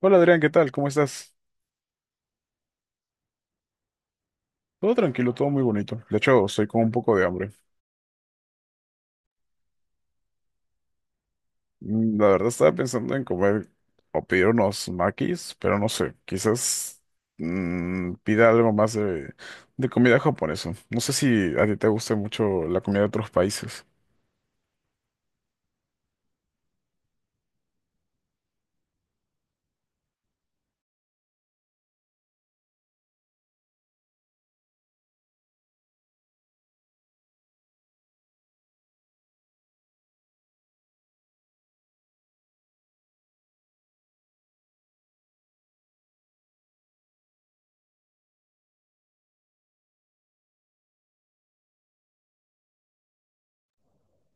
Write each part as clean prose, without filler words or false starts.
Hola Adrián, ¿qué tal? ¿Cómo estás? Todo tranquilo, todo muy bonito. De hecho, estoy con un poco de hambre. La verdad estaba pensando en comer o pedir unos makis, pero no sé, quizás pida algo más de comida japonesa. No sé si a ti te gusta mucho la comida de otros países.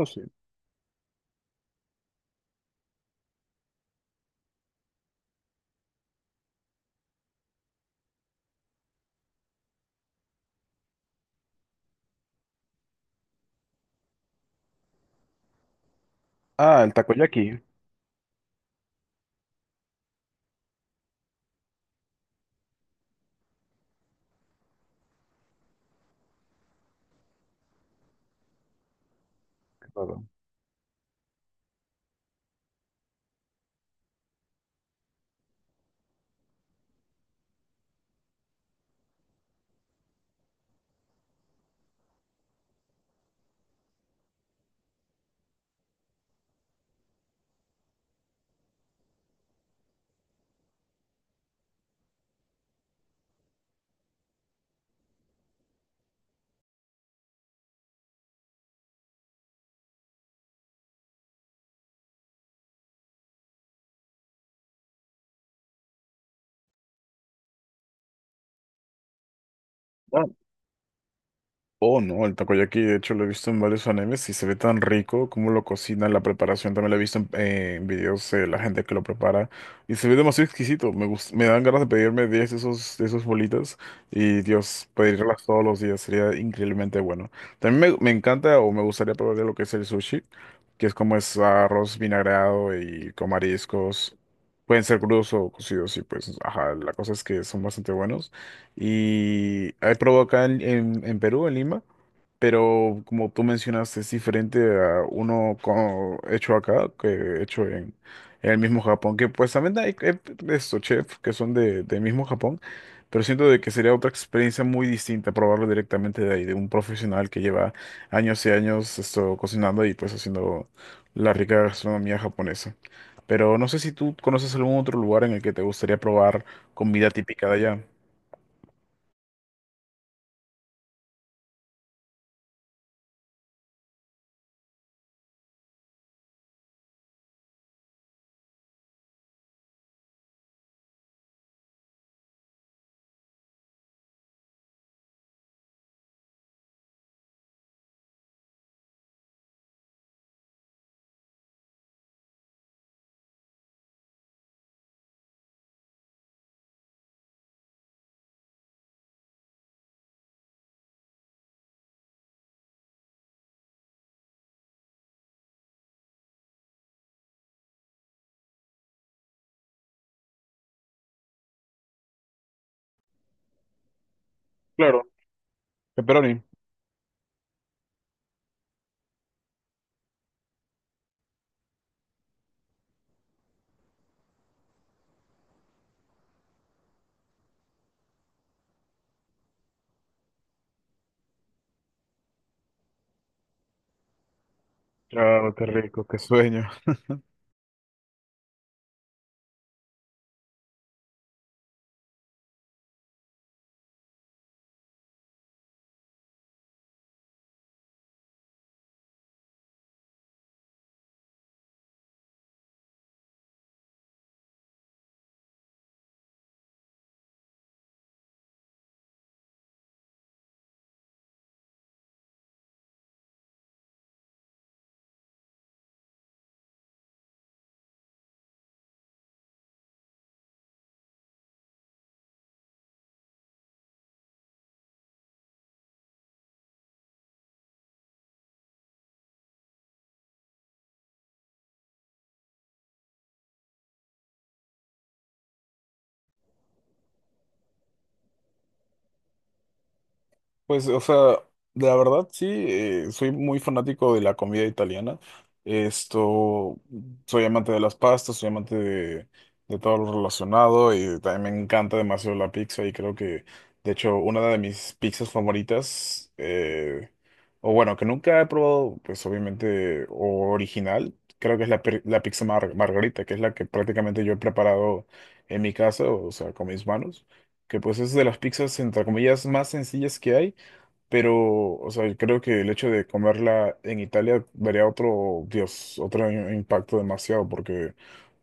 No sé. Ah, el takoyaki. Claro. Oh, no, el takoyaki, de hecho, lo he visto en varios animes y se ve tan rico como lo cocinan, la preparación, también lo he visto en videos de la gente que lo prepara y se ve demasiado exquisito, me dan ganas de pedirme 10 de esos bolitas y Dios, pedirlas todos los días sería increíblemente bueno. También me encanta o me gustaría probar lo que es el sushi, que es como es arroz vinagrado y con mariscos. Pueden ser crudos o cocidos y pues, ajá, la cosa es que son bastante buenos. Y he probado acá en Perú, en Lima. Pero como tú mencionaste, es diferente a uno hecho acá que hecho en el mismo Japón. Que pues también hay estos chefs que son de, del mismo Japón, pero siento de que sería otra experiencia muy distinta probarlo directamente de ahí, de un profesional que lleva años y años esto, cocinando y pues haciendo la rica gastronomía japonesa. Pero no sé si tú conoces algún otro lugar en el que te gustaría probar comida típica de allá. Claro. Pepperoni. Claro, qué rico, qué sueño. Pues, o sea, la verdad sí, soy muy fanático de la comida italiana. Esto, soy amante de las pastas, soy amante de todo lo relacionado y también me encanta demasiado la pizza y creo que, de hecho, una de mis pizzas favoritas, o bueno, que nunca he probado, pues obviamente, o original, creo que es la, la pizza margarita, que es la que prácticamente yo he preparado en mi casa, o sea, con mis manos que pues es de las pizzas entre comillas más sencillas que hay pero, o sea, yo creo que el hecho de comerla en Italia daría otro, Dios, otro impacto demasiado, porque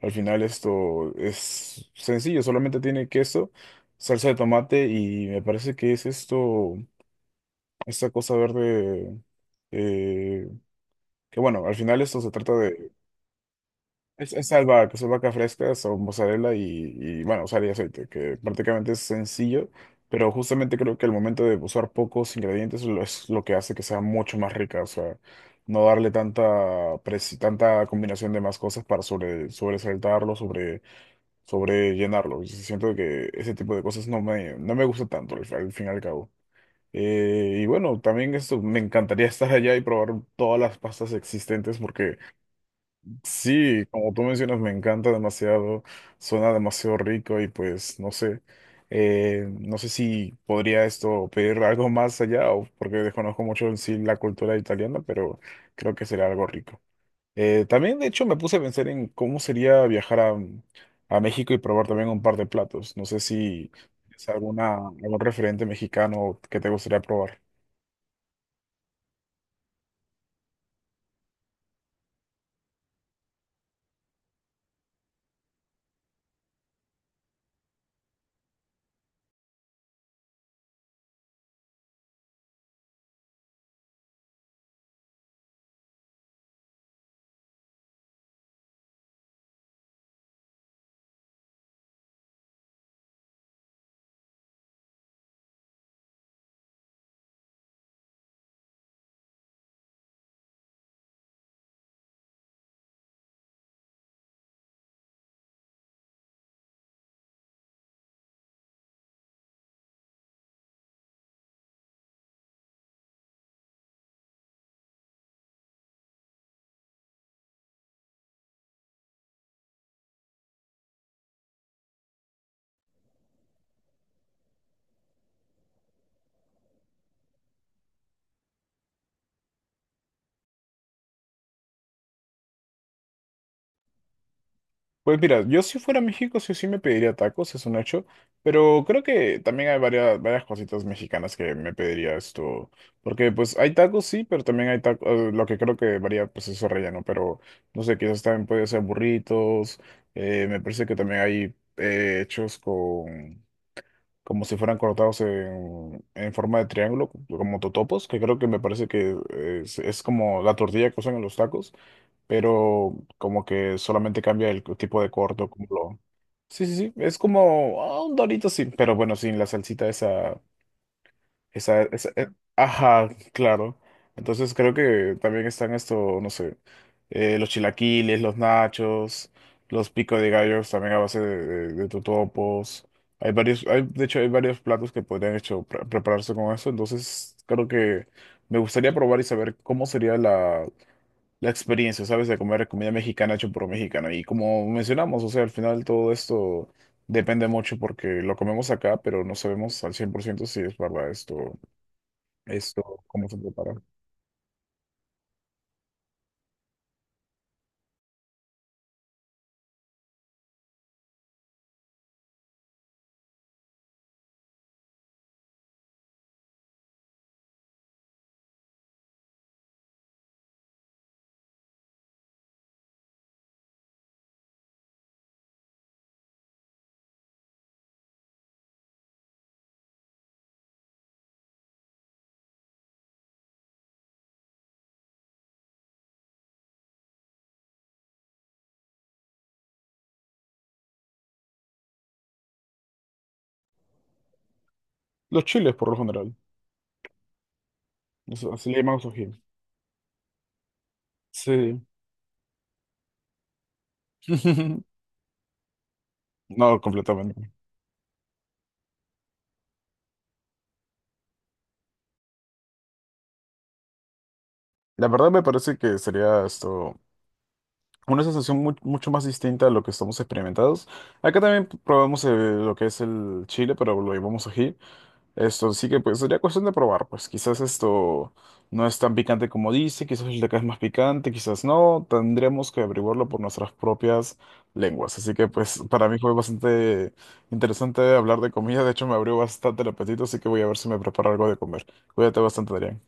al final esto es sencillo, solamente tiene queso, salsa de tomate y me parece que es esto, esta cosa verde, eh, que bueno, al final esto se trata de, es albahaca fresca, son mozzarella y, bueno, usar y aceite, que prácticamente es sencillo, pero justamente creo que el momento de usar pocos ingredientes es lo que hace que sea mucho más rica, o sea, no darle tanta, tanta combinación de más cosas para sobre, sobresaltarlo, sobre, sobrellenarlo. Y sí siento que ese tipo de cosas no me, no me gusta tanto, al, al fin y al cabo. Y bueno, también esto, me encantaría estar allá y probar todas las pastas existentes porque... Sí, como tú mencionas, me encanta demasiado, suena demasiado rico y pues no sé, no sé si podría esto pedir algo más allá o porque desconozco mucho en sí la cultura italiana, pero creo que sería algo rico. También, de hecho, me puse a pensar en cómo sería viajar a México y probar también un par de platos. No sé si es alguna, algún referente mexicano que te gustaría probar. Pues mira, yo si fuera a México sí o sí me pediría tacos, es un hecho, pero creo que también hay varias, varias cositas mexicanas que me pediría esto, porque pues hay tacos sí, pero también hay tacos, lo que creo que varía pues es su relleno, pero no sé, quizás también puede ser burritos, me parece que también hay hechos con, como si fueran cortados en forma de triángulo, como totopos, que creo que me parece que es como la tortilla que usan en los tacos pero como que solamente cambia el tipo de corto, como lo... Sí, sí, sí, es como ah, un Dorito, sí, pero bueno, sin la salsita esa, esa, esa, ajá, claro. Entonces creo que también están esto, no sé, los chilaquiles, los nachos, los pico de gallos también a base de totopos. Hay varios, hay, de hecho, hay varios platos que podrían hecho prepararse con eso, entonces creo que me gustaría probar y saber cómo sería la la experiencia, ¿sabes? De comer comida mexicana hecho por un mexicano. Y como mencionamos, o sea, al final todo esto depende mucho porque lo comemos acá, pero no sabemos al 100% si es verdad esto, esto, cómo se prepara. Los chiles, por lo general. O sea, así le llamamos ají. Sí. No, completamente. La verdad me parece que sería esto una sensación mucho más distinta a lo que estamos experimentados. Acá también probamos lo que es el chile, pero lo llevamos ají. Esto, sí que pues sería cuestión de probar, pues quizás esto no es tan picante como dice, quizás el de acá es más picante, quizás no, tendríamos que averiguarlo por nuestras propias lenguas. Así que pues para mí fue bastante interesante hablar de comida, de hecho me abrió bastante el apetito, así que voy a ver si me preparo algo de comer. Cuídate bastante, Adrián.